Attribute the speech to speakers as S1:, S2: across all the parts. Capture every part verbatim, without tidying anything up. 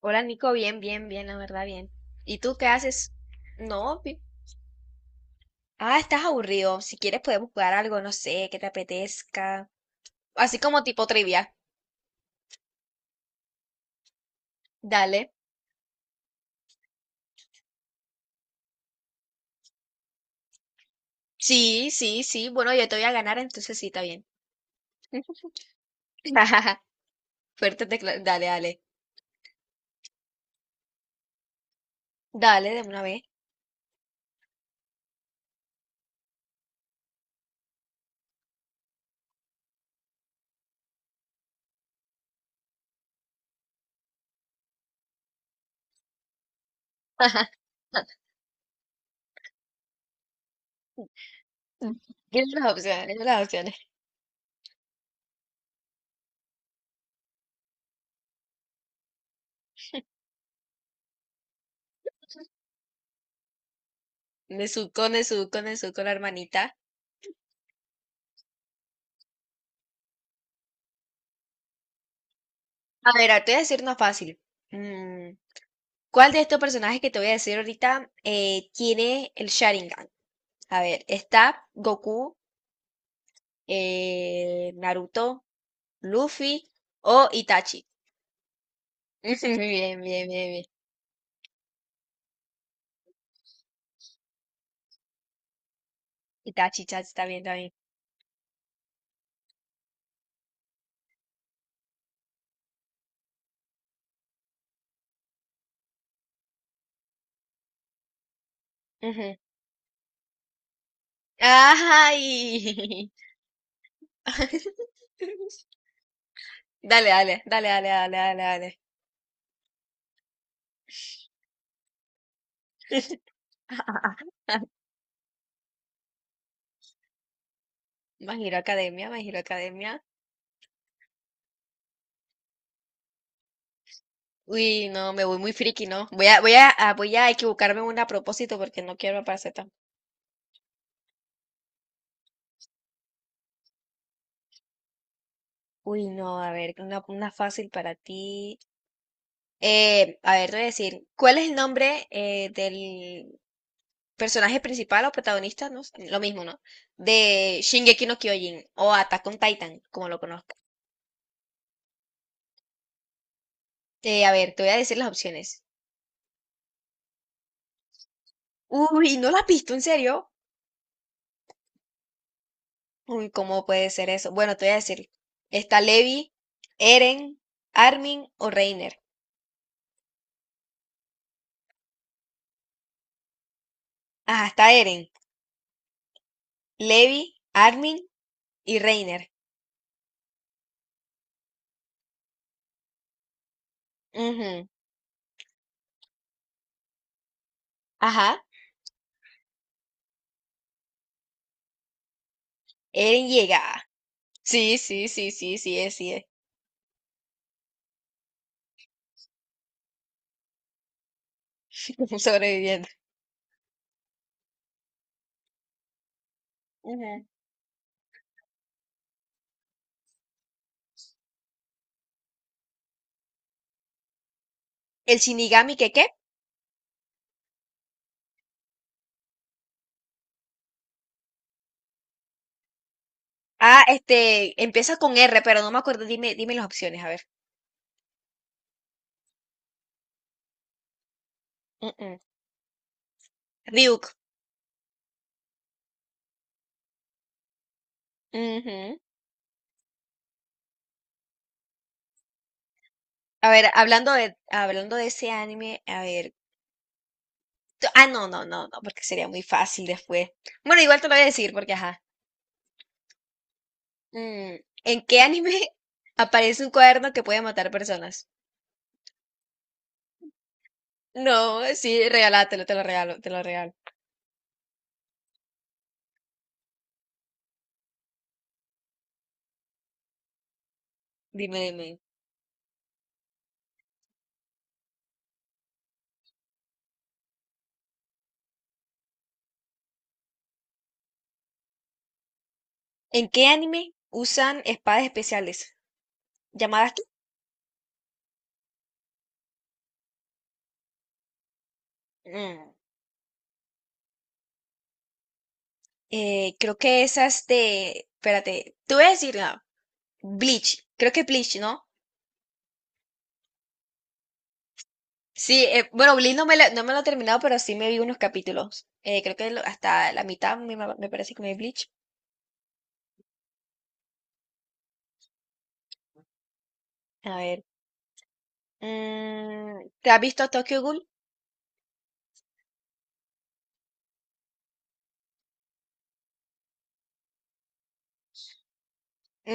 S1: Hola Nico, bien, bien, bien, la verdad, bien. ¿Y tú qué haces? No, vi- ah, estás aburrido. Si quieres podemos jugar algo, no sé, que te apetezca. Así como tipo trivia. Dale. Sí, sí, sí. Bueno, yo te voy a ganar, entonces sí, está bien. Fuerte decla- Dale, dale. Dale, de una vez. Dime las opciones, dime las opciones. Nezuko, Nezuko, Nezuko, la hermanita. A ver, ahora te voy a decir una fácil. Mm, ¿Cuál de estos personajes que te voy a decir ahorita eh, tiene el Sharingan? A ver, está Goku, eh, Naruto, Luffy o Itachi. Ujú. Bien, bien, bien, bien. Itachi, Itachi, está bien, está bien. Ujú. ¡Ay! Dale, dale, dale, dale, dale, dale, dale. My Hero Academia, My Hero Academia. Uy, no, me voy muy friki, ¿no? Voy a, voy a, ah, voy a equivocarme en una a propósito porque no quiero aparecer tan. Uy, no, a ver, una, una fácil para ti. Eh, a ver, te voy a decir, ¿cuál es el nombre eh, del personaje principal o protagonista? No sé, lo mismo, ¿no? De Shingeki no Kyojin o Attack on Titan, como lo conozca. Eh, a ver, te voy a decir las opciones. Uy, ¿no la has visto? ¿En serio? Uy, ¿cómo puede ser eso? Bueno, te voy a decir, está Levi, Eren, Armin o Reiner. Ajá, está Eren, Levi, Armin y Reiner. Ujú. Ajá. Eren llega. Sí, sí, sí, sí, sí, sí, es, sí, es. Sobreviviendo. Ujú. El Shinigami, ¿qué qué? Ah, este, empieza con R, pero no me acuerdo. Dime, dime las opciones, a ver. Mm, mm. Ryuk. Mm. Ujú. A ver, hablando de, hablando de ese anime, a ver. t- Ah, no, no, no, no, porque sería muy fácil después. Bueno, igual te lo voy a decir, porque ajá. Mm. ¿En qué anime aparece un cuaderno que puede matar personas? No, sí, regalátelo, te lo regalo, te lo regalo. Dime, dime. ¿En qué anime usan espadas especiales? ¿Llamadas qué? Mm. Eh, creo que esas de. Espérate, te voy a decir, no, Bleach. Creo que Bleach, ¿no? Sí, eh, bueno, Bleach no me, la- no me lo he terminado, pero sí me vi unos capítulos. Eh, creo que lo- hasta la mitad me, ma- me parece que me vi Bleach. A ver. mm, ¿te has visto Tokyo Ghoul?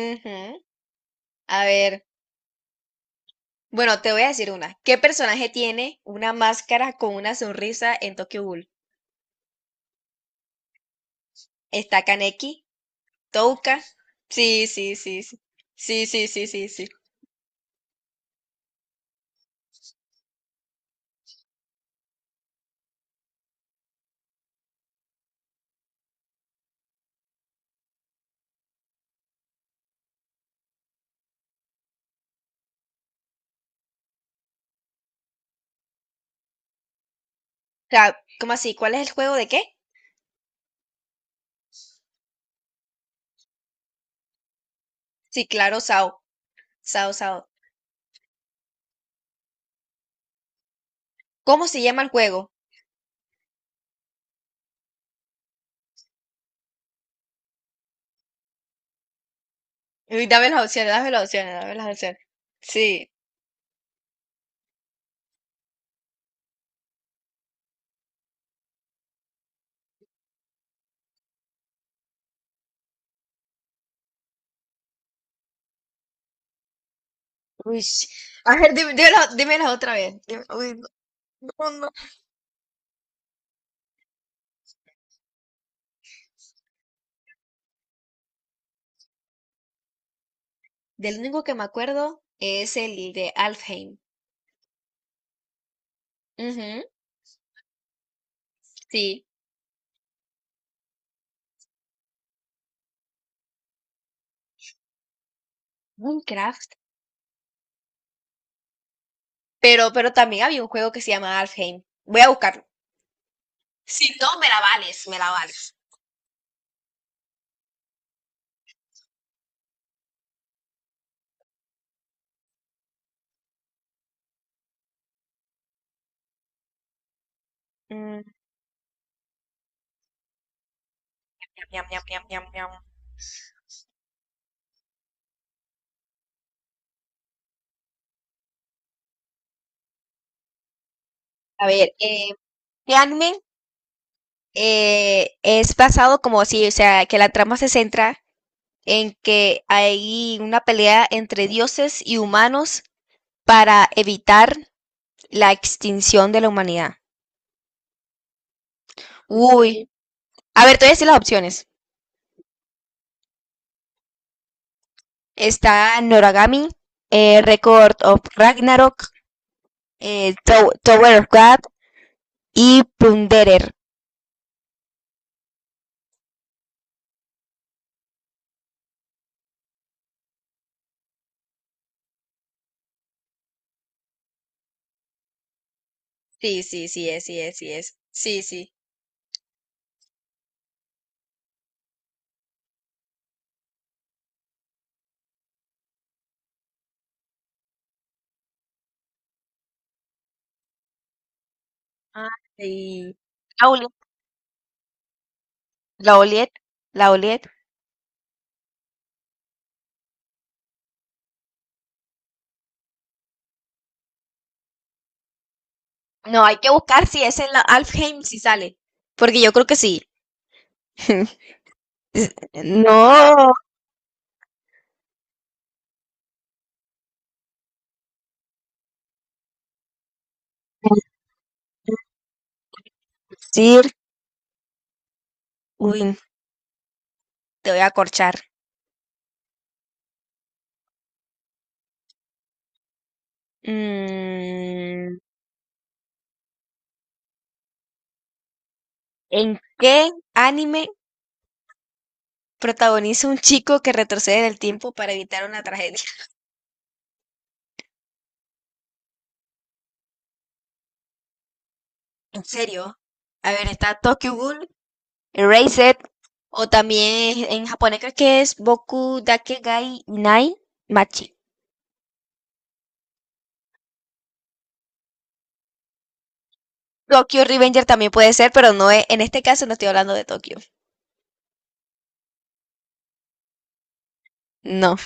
S1: Ujú. A ver. Bueno, te voy a decir una. ¿Qué personaje tiene una máscara con una sonrisa en Tokyo Ghoul? ¿Está Kaneki? ¿Touka? Sí, sí, sí, sí. Sí, sí, sí, sí, sí. O sea, ¿cómo así? ¿Cuál es el juego de qué? Sí, claro, Sao. Sao, Sao. ¿Cómo se llama el juego? Uy, dame las opciones, dame las opciones, dame las opciones. Sí. Uy. A ver, dime, dímela- dímela otra vez. Dime- uy, no, no, no. Del único que me acuerdo es el de Alfheim. Ujú, sí. Minecraft. Pero, pero también había un juego que se llama Alfheim. Voy a buscarlo. Si no, me la vales, me la vales. Mm, ñam, ñam, ñam, ñam, ñam, ñam. A ver, eh, ¿qué anime eh, es basado como así? O sea, que la trama se centra en que hay una pelea entre dioses y humanos para evitar la extinción de la humanidad. Uy. A ver, te voy a decir las opciones. Está Noragami, eh, Record of Ragnarok, eh, Tow- Tower of God y Plunderer. Sí, sí, sí es, sí es, sí es. Sí, sí. Ay. La Oliet. La Oliet. La Oliet. No, hay que buscar si es en la Alfheim, si sale. Porque yo creo que sí. No. Sir Win, te voy a corchar. Mm, ¿en qué anime protagoniza un chico que retrocede en el tiempo para evitar una tragedia? En serio. A ver, está Tokyo Ghoul, Erased, o también en japonés creo que es Boku Dakegai Nai Machi. Tokyo Revenger también puede ser, pero no es, en este caso no estoy hablando de Tokio. No.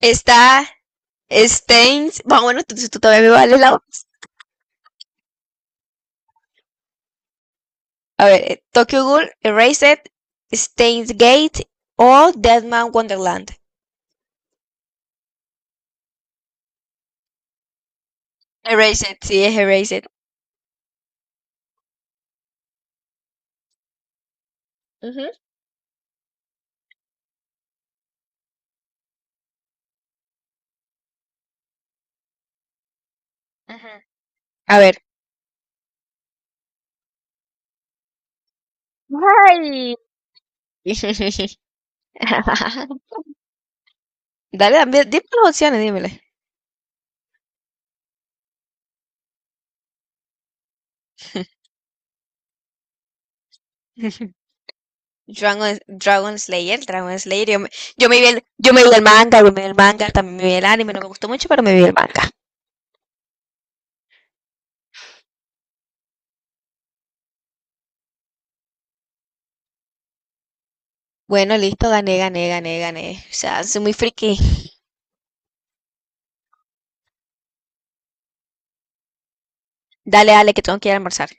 S1: Está Stains. Bueno, bueno, tú, tú todavía me vale la. A ver, eh, Tokyo Ghoul, Erased, Steins Gate o Deadman Wonderland. Erased, sí, es Erased. Ujú. Ajá. A ver. Ay. Dale, dame- dime las opciones, dímele. Dragon, Dragon Slayer, Dragon Slayer. Yo me, yo me vi el, yo me vi el manga, yo me vi el manga, también me vi el anime, no me gustó mucho, pero me vi el manga. Bueno, listo, gané, gané, gané, gané. O sea, soy muy friki. Dale, dale, que tengo que ir a almorzar.